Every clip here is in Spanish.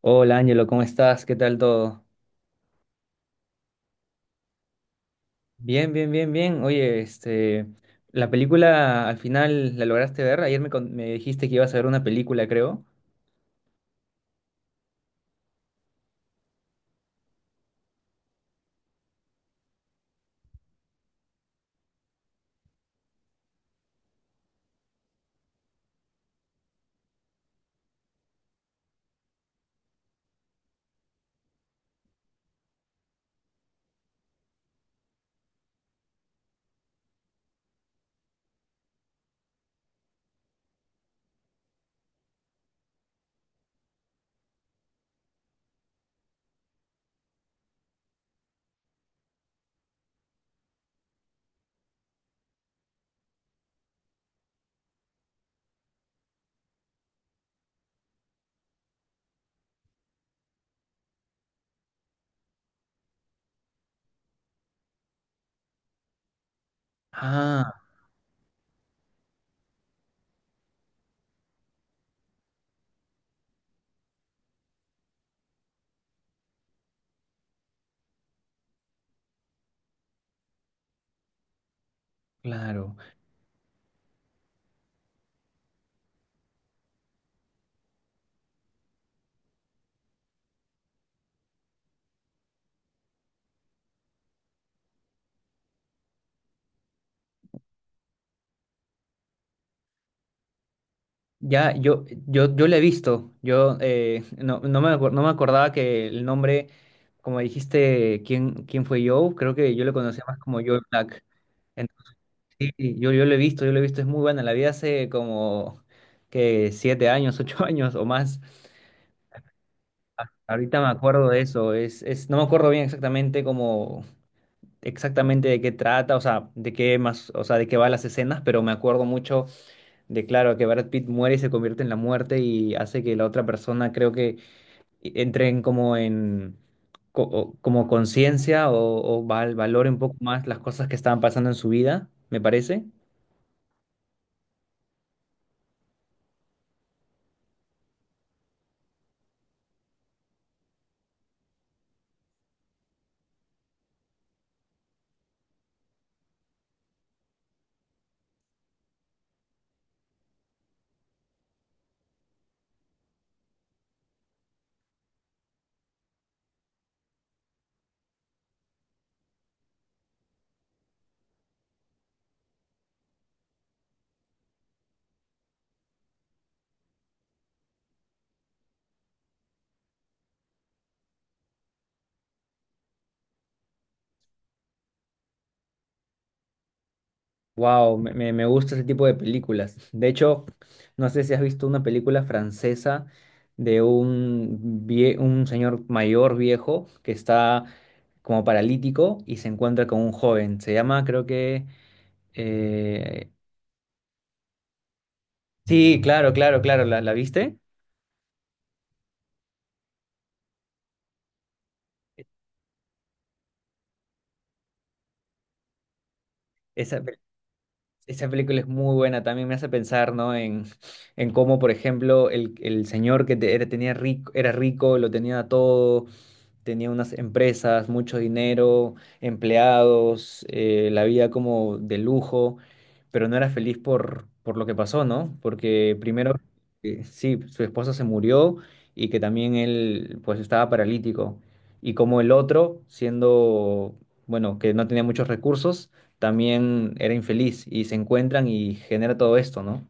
Hola Ángelo, ¿cómo estás? ¿Qué tal todo? Bien, bien, bien, bien. Oye, este, la película al final la lograste ver. Ayer me dijiste que ibas a ver una película, creo. Ah, claro. Ya, yo la he visto. Yo no me acordaba que el nombre, como dijiste, ¿quién fue Joe? Creo que yo lo conocía más como Joe Black. Entonces, sí, yo lo he visto, yo lo he visto. Es muy buena. La vi hace como que 7 años, 8 años o más. Ahorita me acuerdo de eso, no me acuerdo bien exactamente cómo, exactamente de qué trata, o sea, de qué más, o sea, de qué va las escenas, pero me acuerdo mucho de, claro, que Brad Pitt muere y se convierte en la muerte y hace que la otra persona, creo que entre en como en, como conciencia o, valore un poco más las cosas que estaban pasando en su vida, me parece. Wow, me gusta ese tipo de películas. De hecho, no sé si has visto una película francesa de un señor mayor viejo que está como paralítico y se encuentra con un joven. Se llama, creo que. eh, Sí, claro, claro, claro, ¿la viste? Esa, pe- esa película es muy buena, también me hace pensar, ¿no? En cómo, por ejemplo, el señor era, tenía rico, era rico, lo tenía todo, tenía unas empresas, mucho dinero, empleados, la vida como de lujo, pero no era feliz por lo que pasó, ¿no? Porque primero, sí, su esposa se murió y que también él pues estaba paralítico. Y como el otro, siendo, bueno, que no tenía muchos recursos, también era infeliz y se encuentran y genera todo esto, ¿no?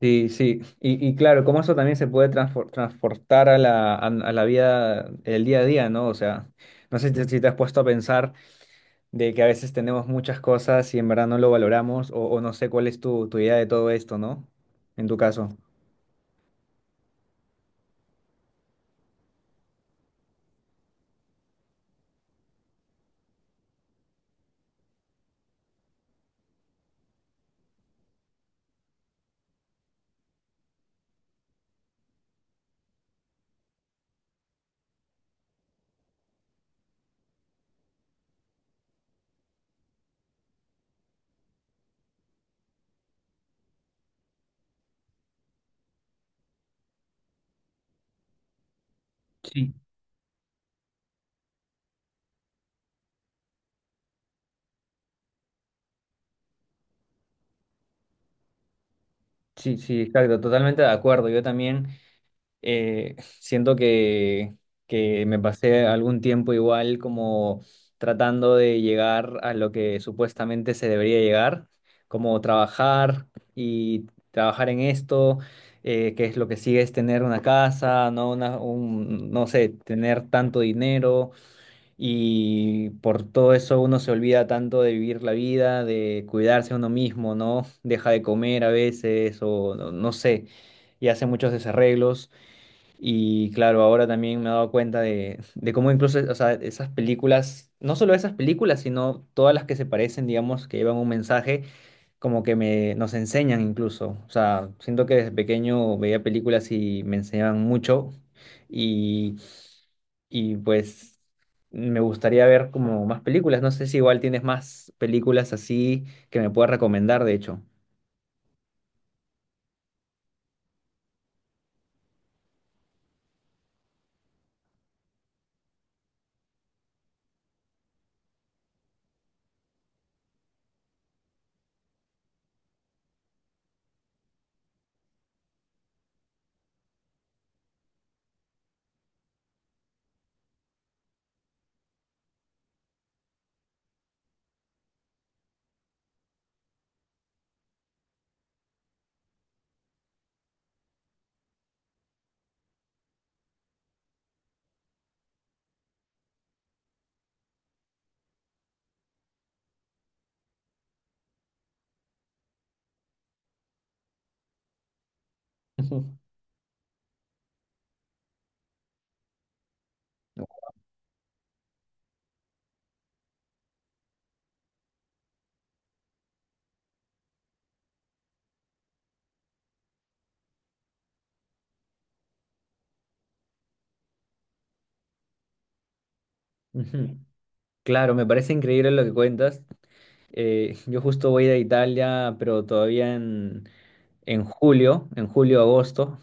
Sí, sí, y claro, como eso también se puede transportar a la vida, el día a día, ¿no? O sea, no sé si te has puesto a pensar de que a veces tenemos muchas cosas y en verdad no lo valoramos, o no sé cuál es tu idea de todo esto, ¿no? En tu caso. Sí. Sí, sí, exacto, totalmente de acuerdo. Yo también. Siento que, me pasé algún tiempo igual como tratando de llegar a lo que supuestamente se debería llegar, como trabajar y trabajar en esto, que es lo que sigue es tener una casa, no una, un, no sé, tener tanto dinero y por todo eso uno se olvida tanto de vivir la vida, de cuidarse a uno mismo, ¿no? Deja de comer a veces o no no sé y hace muchos desarreglos. Y claro, ahora también me he dado cuenta de, cómo incluso, o sea, esas películas, no solo esas películas, sino todas las que se parecen, digamos, que llevan un mensaje, como que nos enseñan incluso. O sea, siento que desde pequeño veía películas y me enseñaban mucho. Y, y pues me gustaría ver como más películas. No sé si igual tienes más películas así que me puedas recomendar, de hecho. Ujú. Ujú. Claro, me parece increíble lo que cuentas. Yo justo voy a ir a Italia, pero todavía en, julio, agosto.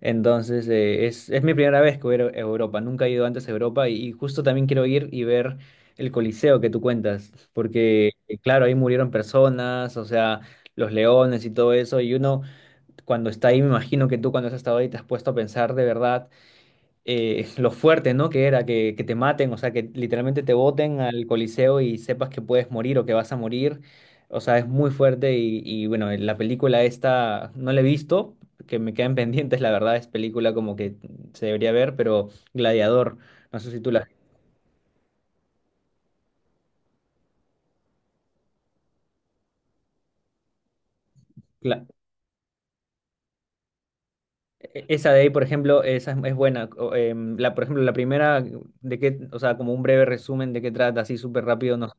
Entonces, es mi primera vez que voy a ir a Europa. Nunca he ido antes a Europa y justo también quiero ir y ver el Coliseo que tú cuentas, porque, claro, ahí murieron personas, o sea, los leones y todo eso. Y uno, cuando está ahí, me imagino que tú cuando has estado ahí te has puesto a pensar de verdad lo fuerte, ¿no? Que era que, te maten, o sea, que literalmente te boten al Coliseo y sepas que puedes morir o que vas a morir. O sea, es muy fuerte y bueno, la película esta no la he visto, que me quedan pendientes, la verdad, es película como que se debería ver, pero Gladiador, no sé si tú la. La- e- esa de ahí, por ejemplo, esa es buena. O, la, por ejemplo, la primera, de qué, o sea, como un breve resumen de qué trata, así súper rápido, no.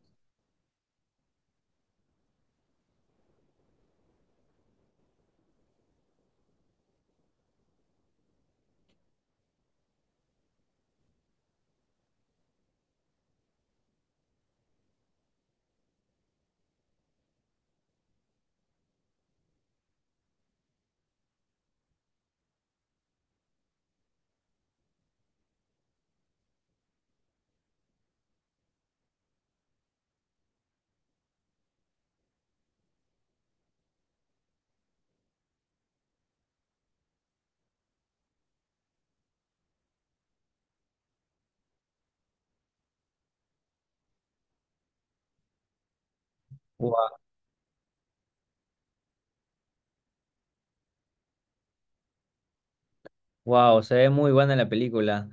Wow, se ve muy buena la película.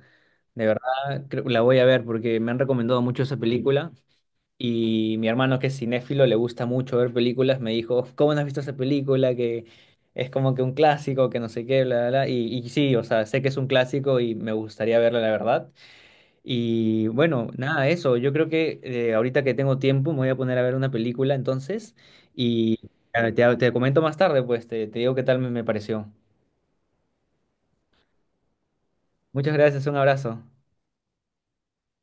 De verdad, la voy a ver porque me han recomendado mucho esa película y mi hermano que es cinéfilo le gusta mucho ver películas, me dijo, ¿cómo no has visto esa película? Que es como que un clásico, que no sé qué, bla, bla, bla. Y sí, o sea, sé que es un clásico y me gustaría verla, la verdad. Y bueno, nada, eso. Yo creo que ahorita que tengo tiempo me voy a poner a ver una película entonces y ah, te comento más tarde, pues te digo qué tal me pareció. Muchas gracias, un abrazo.